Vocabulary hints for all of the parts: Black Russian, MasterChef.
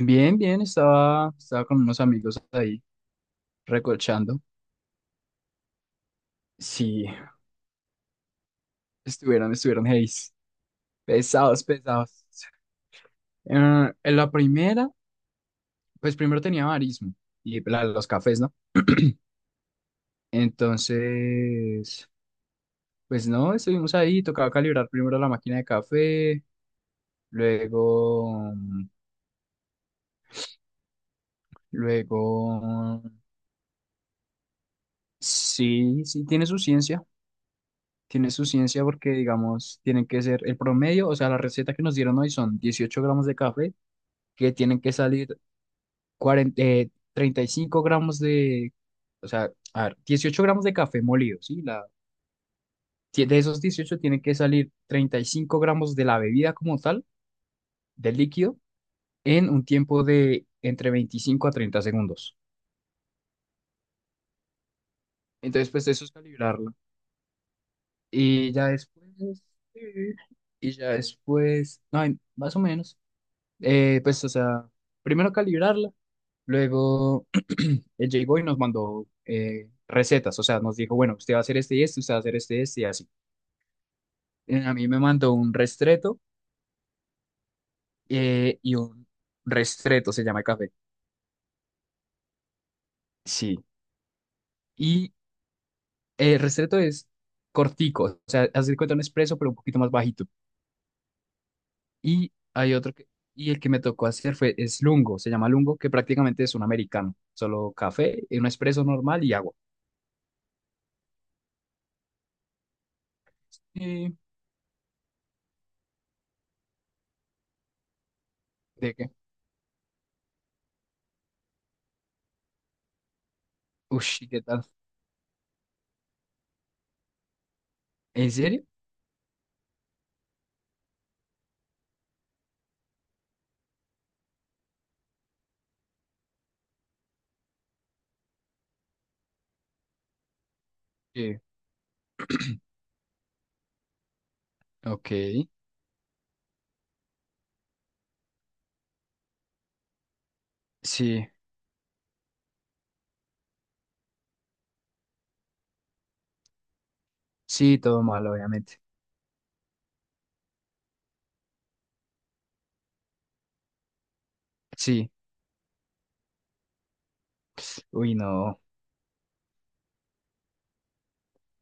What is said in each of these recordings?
Bien, bien, estaba con unos amigos ahí recochando. Sí, estuvieron heavy. Pesados, pesados. Eh, en la primera, pues primero tenía barismo y los cafés, ¿no? Entonces, pues no, estuvimos ahí, tocaba calibrar primero la máquina de café, luego, luego, sí, sí, tiene su ciencia porque, digamos, tienen que ser el promedio, o sea, la receta que nos dieron hoy son 18 gramos de café que tienen que salir 40, 35 gramos de, o sea, a ver, 18 gramos de café molido, ¿sí? De esos 18 tienen que salir 35 gramos de la bebida como tal, del líquido, en un tiempo de entre 25 a 30 segundos. Entonces, pues eso es calibrarla. Y ya después, eh, no, más o menos, pues, o sea, primero calibrarla. Luego él llegó y nos mandó recetas, o sea, nos dijo, bueno, usted va a hacer este y este, usted va a hacer este y este y así. A mí me mandó un restreto, y un restreto, se llama el café. Sí. Y el restreto es cortico, o sea, hacer cuenta un expreso, pero un poquito más bajito. Y hay otro que, y el que me tocó hacer es lungo, se llama lungo, que prácticamente es un americano, solo café, un expreso normal y agua. ¿Y de qué? Ush, ¿y qué tal? ¿En serio? Sí. Ok, sí. Sí, todo mal, obviamente. Sí, uy, no,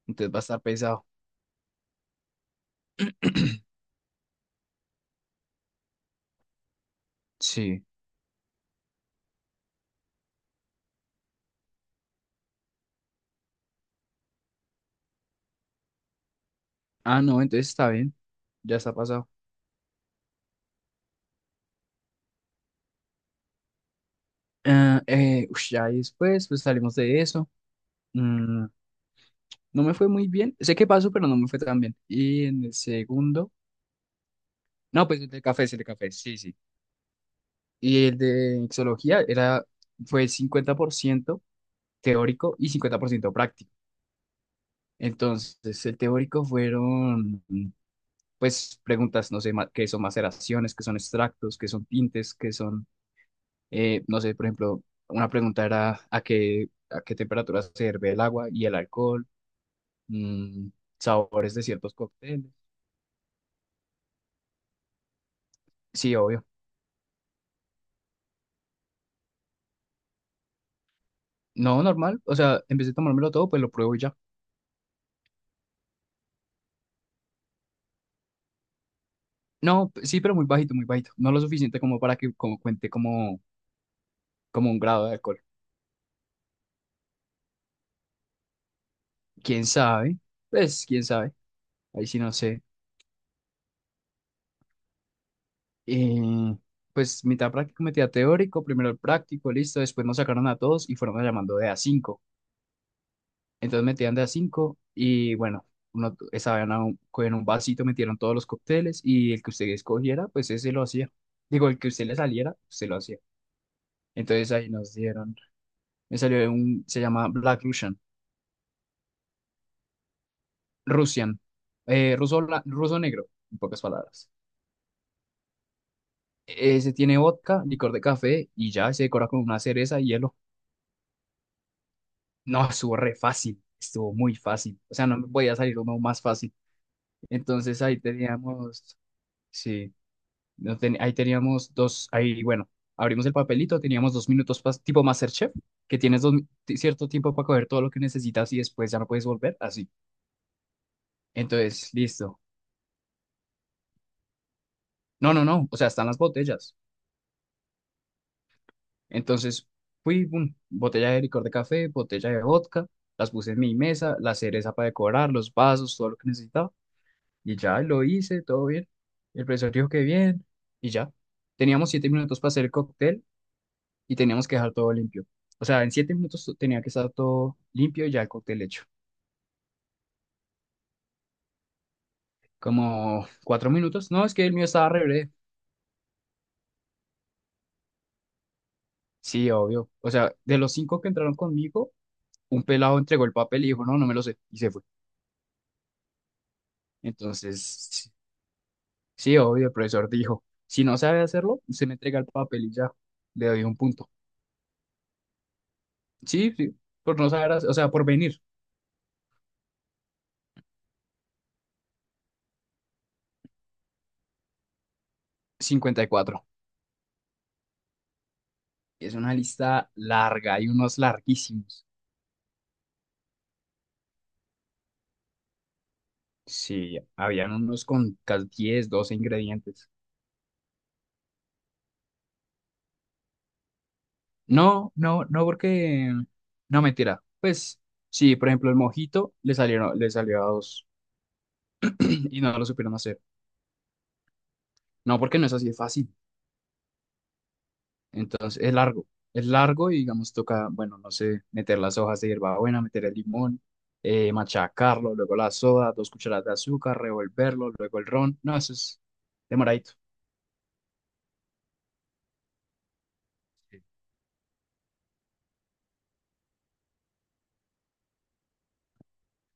entonces va a estar pesado. Sí. Ah, no, entonces está bien, ya está pasado. Ah, ush, ya después, pues salimos de eso. Mm, no me fue muy bien, sé que pasó, pero no me fue tan bien. Y en el segundo, no, pues el de café, es el de café, sí, sí. Y el de exología fue 50% teórico y 50% práctico. Entonces, el teórico fueron pues preguntas, no sé, qué son maceraciones, qué son extractos, qué son tintes, qué son, no sé, por ejemplo, una pregunta era a qué temperatura se hierve el agua y el alcohol, mm, sabores de ciertos cócteles. Sí, obvio. No, normal, o sea, en vez de tomármelo todo, pues lo pruebo y ya. No, sí, pero muy bajito, muy bajito. No lo suficiente como para que como cuente como un grado de alcohol. ¿Quién sabe? Pues, quién sabe. Ahí sí no sé. Y pues mitad práctico, mitad teórico, primero el práctico, listo, después nos sacaron a todos y fueron llamando de a cinco. Entonces metían de a cinco y bueno, estaban en un vasito, metieron todos los cócteles y el que usted escogiera, pues ese lo hacía. Digo, el que usted le saliera, usted lo hacía. Entonces ahí nos dieron, me salió un, se llama Black Russian, Russian, ruso, ruso negro, en pocas palabras. Ese tiene vodka, licor de café y ya se decora con una cereza y hielo. No, estuvo re fácil, estuvo muy fácil. O sea, no me podía salir uno más fácil. Entonces ahí teníamos, sí, no ten- ahí teníamos dos, ahí, bueno, abrimos el papelito, teníamos 2 minutos tipo MasterChef, que tienes cierto tiempo para coger todo lo que necesitas y después ya no puedes volver, así. Entonces, listo. No, no, no, o sea, están las botellas. Entonces, fui, boom, botella de licor de café, botella de vodka, las puse en mi mesa, la cereza para decorar, los vasos, todo lo que necesitaba. Y ya lo hice, todo bien. El profesor dijo que bien, y ya. Teníamos 7 minutos para hacer el cóctel y teníamos que dejar todo limpio. O sea, en 7 minutos tenía que estar todo limpio y ya el cóctel hecho. Como 4 minutos. No, es que el mío estaba re breve. Sí, obvio. O sea, de los cinco que entraron conmigo, un pelado entregó el papel y dijo, no, no me lo sé. Y se fue. Entonces, sí, obvio, el profesor dijo, si no sabe hacerlo, se me entrega el papel y ya. Le doy un punto. Sí, sí, por no saber, o sea, por venir. 54. Es una lista larga, hay unos larguísimos. Sí, habían unos con casi 10 12 ingredientes. No, no, no, porque... No, mentira. Pues sí, por ejemplo, el mojito le salió a dos y no lo supieron hacer. No, porque no es así de fácil. Entonces, es largo. Es largo y, digamos, toca, bueno, no sé, meter las hojas de hierbabuena, meter el limón, machacarlo, luego la soda, 2 cucharadas de azúcar, revolverlo, luego el ron. No, eso es demoradito.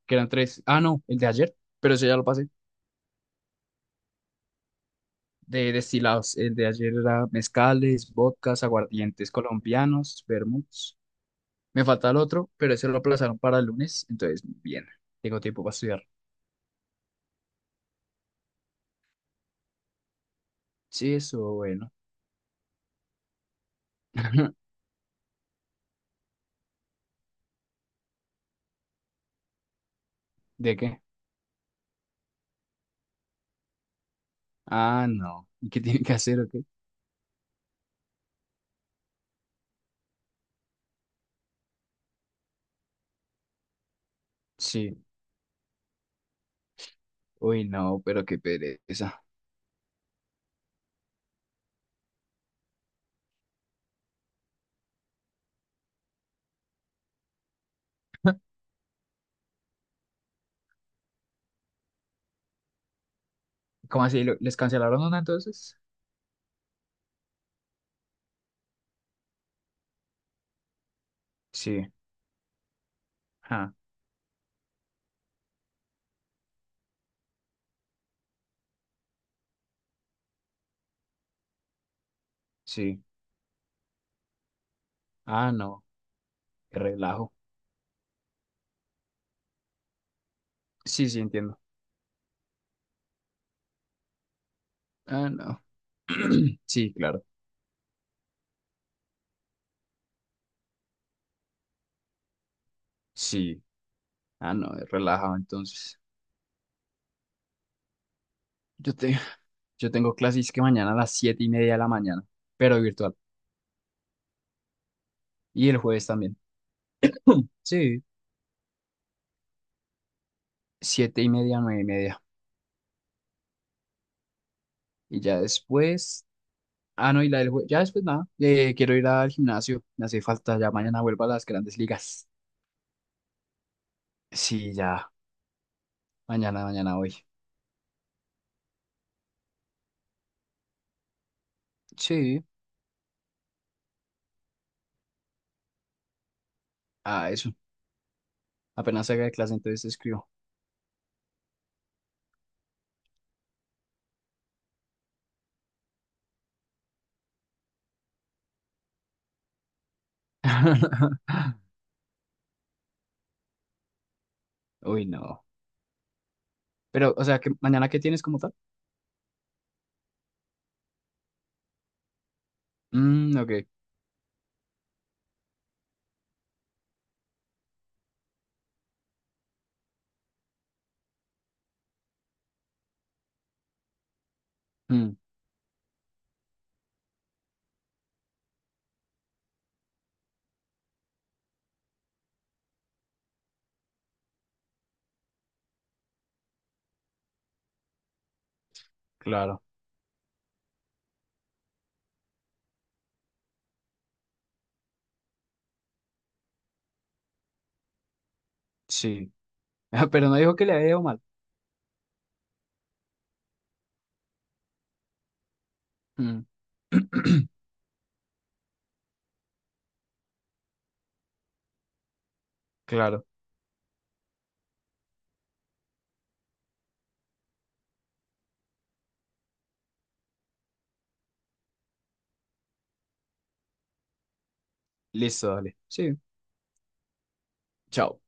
Que eran tres. Ah, no, el de ayer, pero eso ya lo pasé. De destilados, el de ayer era mezcales, vodkas, aguardientes colombianos, vermuts. Me falta el otro, pero ese lo aplazaron para el lunes, entonces bien, tengo tiempo para estudiar. Sí, eso, bueno. ¿De qué? Ah, no. ¿Y qué tienen que hacer o qué? Sí. Uy, no, pero qué pereza. ¿Cómo así? ¿Les cancelaron una entonces? Sí. Ah, sí. Ah, no. Qué relajo. Sí, sí, entiendo. Ah, no. Sí, claro. Sí. Ah, no, es relajado entonces. Yo, te, yo tengo clases que mañana a las 7:30 de la mañana, pero virtual. Y el jueves también. Sí, 7:30, 9:30. Y ya después, ah, no, y la del jueves, ya después nada, quiero ir al gimnasio, me hace falta, ya mañana vuelvo a las grandes ligas. Sí, ya, mañana, mañana, hoy. Sí, ah, eso. Apenas salga de clase, entonces escribo. Uy, no. Pero, o sea, ¿que mañana qué tienes como tal? Mm, ok. Mm, claro. Sí. Pero no dijo que le había ido mal. Mm. Claro. Listo, dale. Sí. Chao.